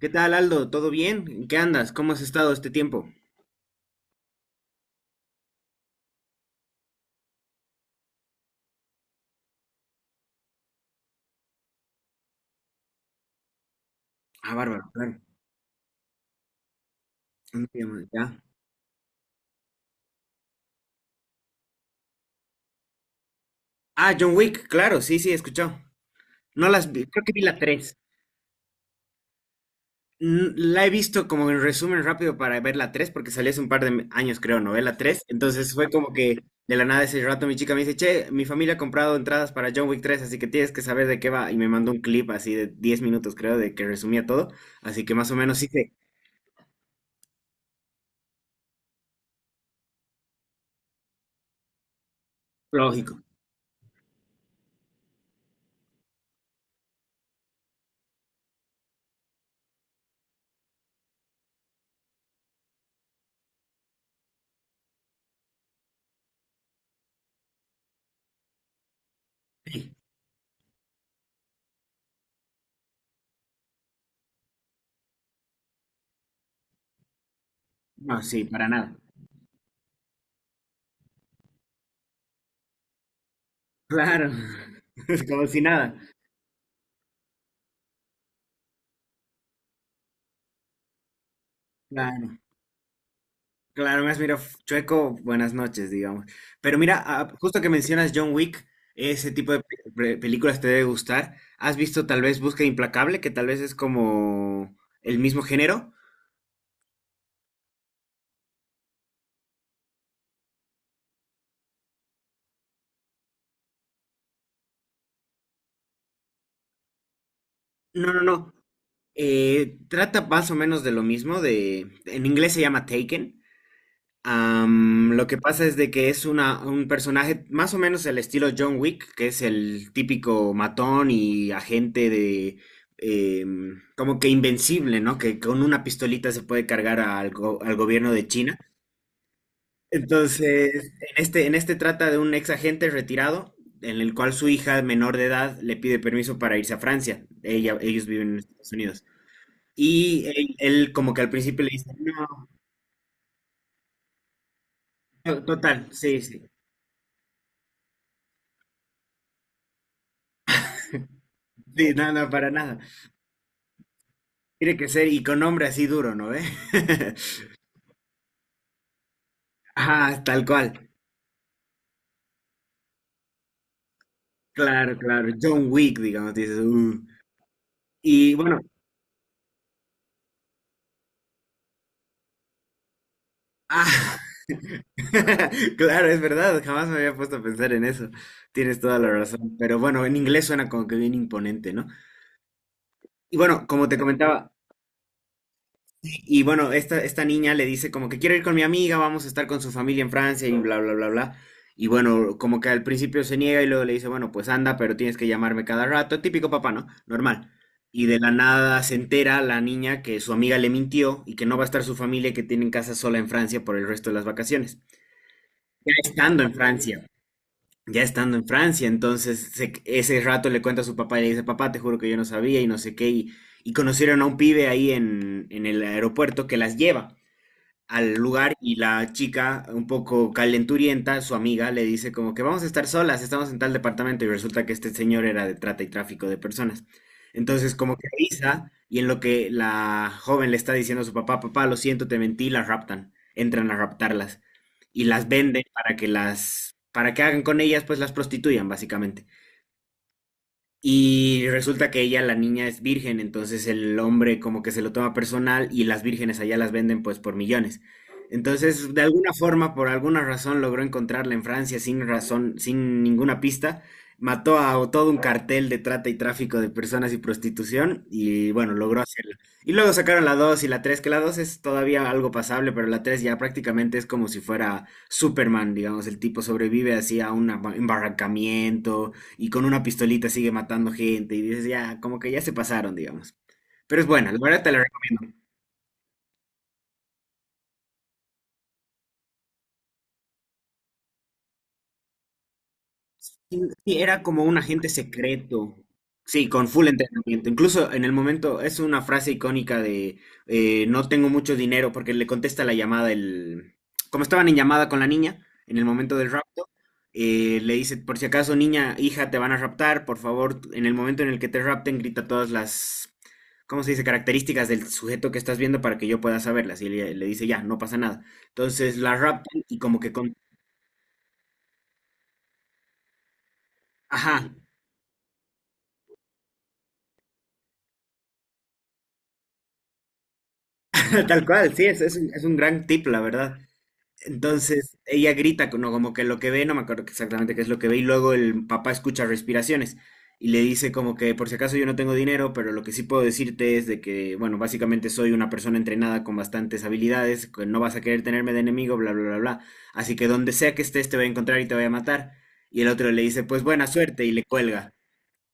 ¿Qué tal, Aldo? ¿Todo bien? ¿En qué andas? ¿Cómo has estado este tiempo? Ah, bárbaro, claro. No te llamo, ya. Ah, John Wick, claro, sí, sí, he escuchado. No las vi, creo que vi la 3. La he visto como en resumen rápido para ver la 3, porque salió hace un par de años, creo, ¿no? Ve la 3. Entonces fue como que de la nada ese rato mi chica me dice, che, mi familia ha comprado entradas para John Wick tres, así que tienes que saber de qué va. Y me mandó un clip así de 10 minutos, creo, de que resumía todo. Así que más o menos sí, sé. Lógico. No, sí, para nada. Claro, como si nada. Claro, claro, más mira, chueco, buenas noches, digamos. Pero mira, ah, justo que mencionas John Wick, ese tipo de películas te debe gustar. ¿Has visto tal vez Busca Implacable, que tal vez es como el mismo género? No, no, no. Trata más o menos de lo mismo, de, en inglés se llama Taken. Lo que pasa es de que es una, un personaje más o menos el estilo John Wick, que es el típico matón y agente de... Como que invencible, ¿no? Que con una pistolita se puede cargar al gobierno de China. Entonces, en este trata de un ex agente retirado, en el cual su hija menor de edad le pide permiso para irse a Francia. Ella, ellos viven en Estados Unidos. Y él como que al principio le dice, no, no, total, sí, sí. Sí, no, no, para nada. Tiene que ser y con nombre así duro, ¿no ve? Ah, tal cual. Claro, claro. John Wick, digamos, dices. Y bueno, ah, claro, es verdad. Jamás me había puesto a pensar en eso. Tienes toda la razón. Pero bueno, en inglés suena como que bien imponente, ¿no? Y bueno, como te comentaba, y bueno, esta niña le dice como que quiero ir con mi amiga, vamos a estar con su familia en Francia y bla, bla, bla, bla. Y bueno, como que al principio se niega y luego le dice, bueno, pues anda, pero tienes que llamarme cada rato. Típico papá, ¿no? Normal. Y de la nada se entera la niña que su amiga le mintió y que no va a estar su familia y que tienen casa sola en Francia por el resto de las vacaciones. Estando en Francia, ya estando en Francia, entonces ese rato le cuenta a su papá y le dice, papá, te juro que yo no sabía y no sé qué. Y conocieron a un pibe ahí en el aeropuerto que las lleva al lugar y la chica, un poco calenturienta, su amiga, le dice como que vamos a estar solas, estamos en tal departamento y resulta que este señor era de trata y tráfico de personas. Entonces como que avisa y en lo que la joven le está diciendo a su papá, papá, lo siento, te mentí, las raptan, entran a raptarlas y las venden para que las, para que hagan con ellas, pues las prostituyan básicamente. Y resulta que ella, la niña, es virgen, entonces el hombre como que se lo toma personal y las vírgenes allá las venden pues por millones. Entonces, de alguna forma, por alguna razón, logró encontrarla en Francia sin razón, sin ninguna pista. Mató a todo un cartel de trata y tráfico de personas y prostitución y bueno, logró hacerla. Y luego sacaron la 2 y la 3 que la 2 es todavía algo pasable, pero la 3 ya prácticamente es como si fuera Superman, digamos, el tipo sobrevive así a un embarrancamiento y con una pistolita sigue matando gente y dices, ya, como que ya se pasaron, digamos. Pero es buena, la verdad te la recomiendo. Sí, era como un agente secreto. Sí, con full entrenamiento. Incluso en el momento es una frase icónica de no tengo mucho dinero porque le contesta la llamada el... Como estaban en llamada con la niña en el momento del rapto, le dice, por si acaso niña, hija, te van a raptar, por favor, en el momento en el que te rapten, grita todas las, ¿cómo se dice? Características del sujeto que estás viendo para que yo pueda saberlas. Y le dice, ya, no pasa nada. Entonces la raptan y como que con... Ajá, tal cual, sí, es un gran tip, la verdad. Entonces, ella grita, no, como que lo que ve, no me acuerdo exactamente qué es lo que ve, y luego el papá escucha respiraciones y le dice como que por si acaso yo no tengo dinero, pero lo que sí puedo decirte es de que, bueno, básicamente soy una persona entrenada con bastantes habilidades, que no vas a querer tenerme de enemigo, bla, bla, bla, bla. Así que donde sea que estés te voy a encontrar y te voy a matar. Y el otro le dice, pues buena suerte, y le cuelga.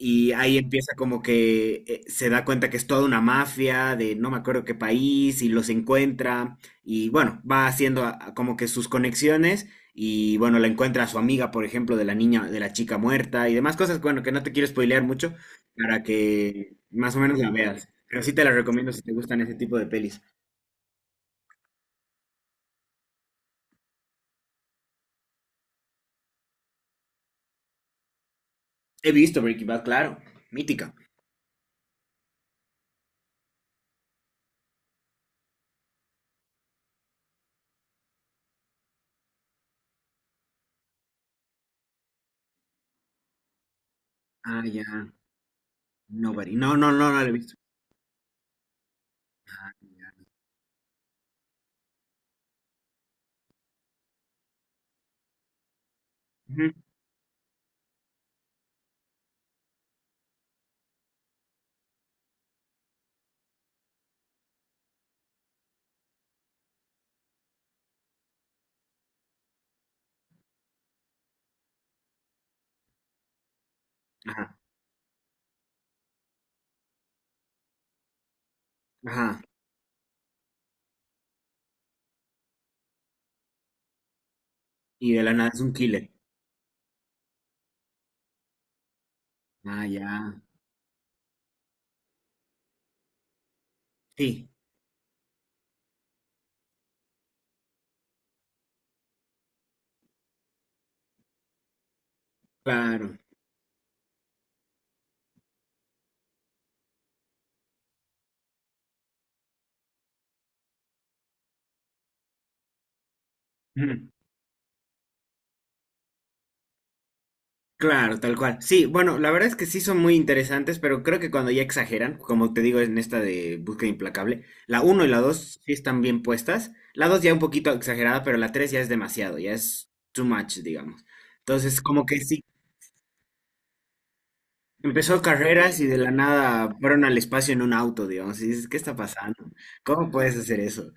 Y ahí empieza como que se da cuenta que es toda una mafia de no me acuerdo qué país y los encuentra y bueno, va haciendo a como que sus conexiones y bueno, la encuentra a su amiga, por ejemplo, de la niña, de la chica muerta y demás cosas, bueno, que no te quiero spoilear mucho para que más o menos la veas. Pero sí te la recomiendo si te gustan ese tipo de pelis. He visto Breaking Bad, claro, mítica. Ah, ya, Nobody. No, no, no, no la he visto. Ujú. Ajá, ajá. Y de la nada es un killer. Ah, ya. Sí. Claro. Ujú. Claro, tal cual. Sí, bueno, la verdad es que sí son muy interesantes, pero creo que cuando ya exageran, como te digo en esta de Búsqueda Implacable, la uno y la 2 sí están bien puestas. La 2 ya un poquito exagerada, pero la 3 ya es demasiado, ya es too much, digamos. Entonces, como que sí, empezó carreras y de la nada fueron al espacio en un auto, digamos, y dices, ¿qué está pasando? ¿Cómo puedes hacer eso?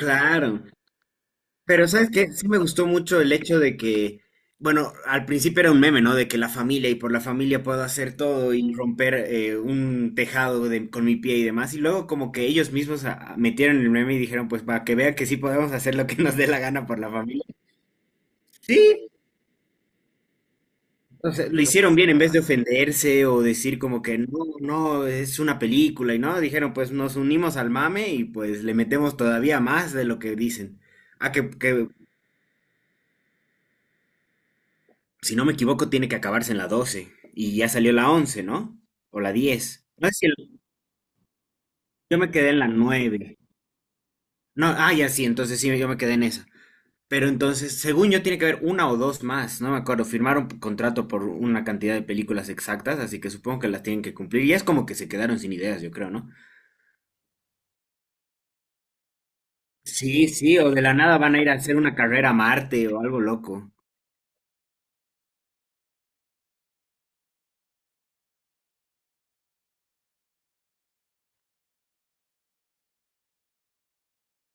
Claro. Pero ¿sabes qué? Sí me gustó mucho el hecho de que, bueno, al principio era un meme, ¿no? De que la familia y por la familia puedo hacer todo y romper un tejado con mi pie y demás. Y luego como que ellos mismos metieron el meme y dijeron, pues para que vea que sí podemos hacer lo que nos dé la gana por la familia. Sí, o sea, lo no hicieron bien en vez de ofenderse o decir como que no, no, es una película y no, dijeron, pues nos unimos al mame y pues le metemos todavía más de lo que dicen. Ah, que si no me equivoco, tiene que acabarse en la 12. Y ya salió la 11, ¿no? O la 10. No es que yo me quedé en la 9. No, ah, ya sí, entonces sí, yo me quedé en esa. Pero entonces, según yo, tiene que haber una o dos más, no me acuerdo. Firmaron contrato por una cantidad de películas exactas, así que supongo que las tienen que cumplir. Y es como que se quedaron sin ideas, yo creo, ¿no? Sí, sí, o de la nada van a ir a hacer una carrera a Marte o algo loco.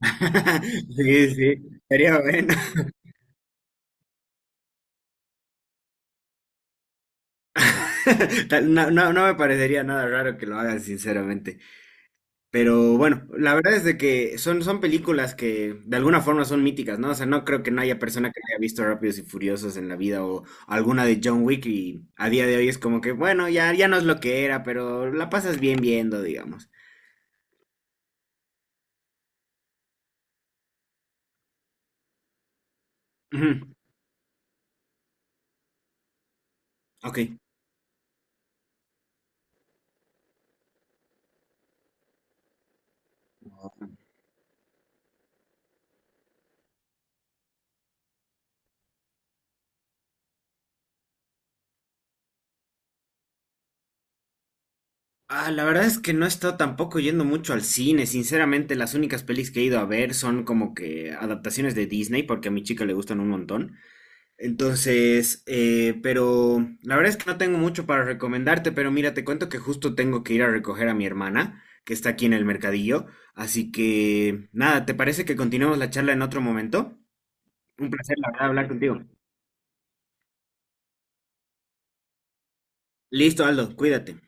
Sí, sí, sería bueno. Tal- no, no, no me parecería nada raro que lo hagan, sinceramente. Pero bueno, la verdad es de que son, son películas que de alguna forma son míticas, ¿no? O sea, no creo que no haya persona que no haya visto Rápidos y Furiosos en la vida o alguna de John Wick y a día de hoy es como que, bueno, ya, ya no es lo que era, pero la pasas bien viendo, digamos. Ujú. Ok. Ah, la verdad es que no he estado tampoco yendo mucho al cine. Sinceramente, las únicas pelis que he ido a ver son como que adaptaciones de Disney, porque a mi chica le gustan un montón. Entonces, pero la verdad es que no tengo mucho para recomendarte, pero mira, te cuento que justo tengo que ir a recoger a mi hermana, que está aquí en el mercadillo. Así que, nada, ¿te parece que continuemos la charla en otro momento? Un placer, la verdad, hablar contigo. Listo, Aldo, cuídate.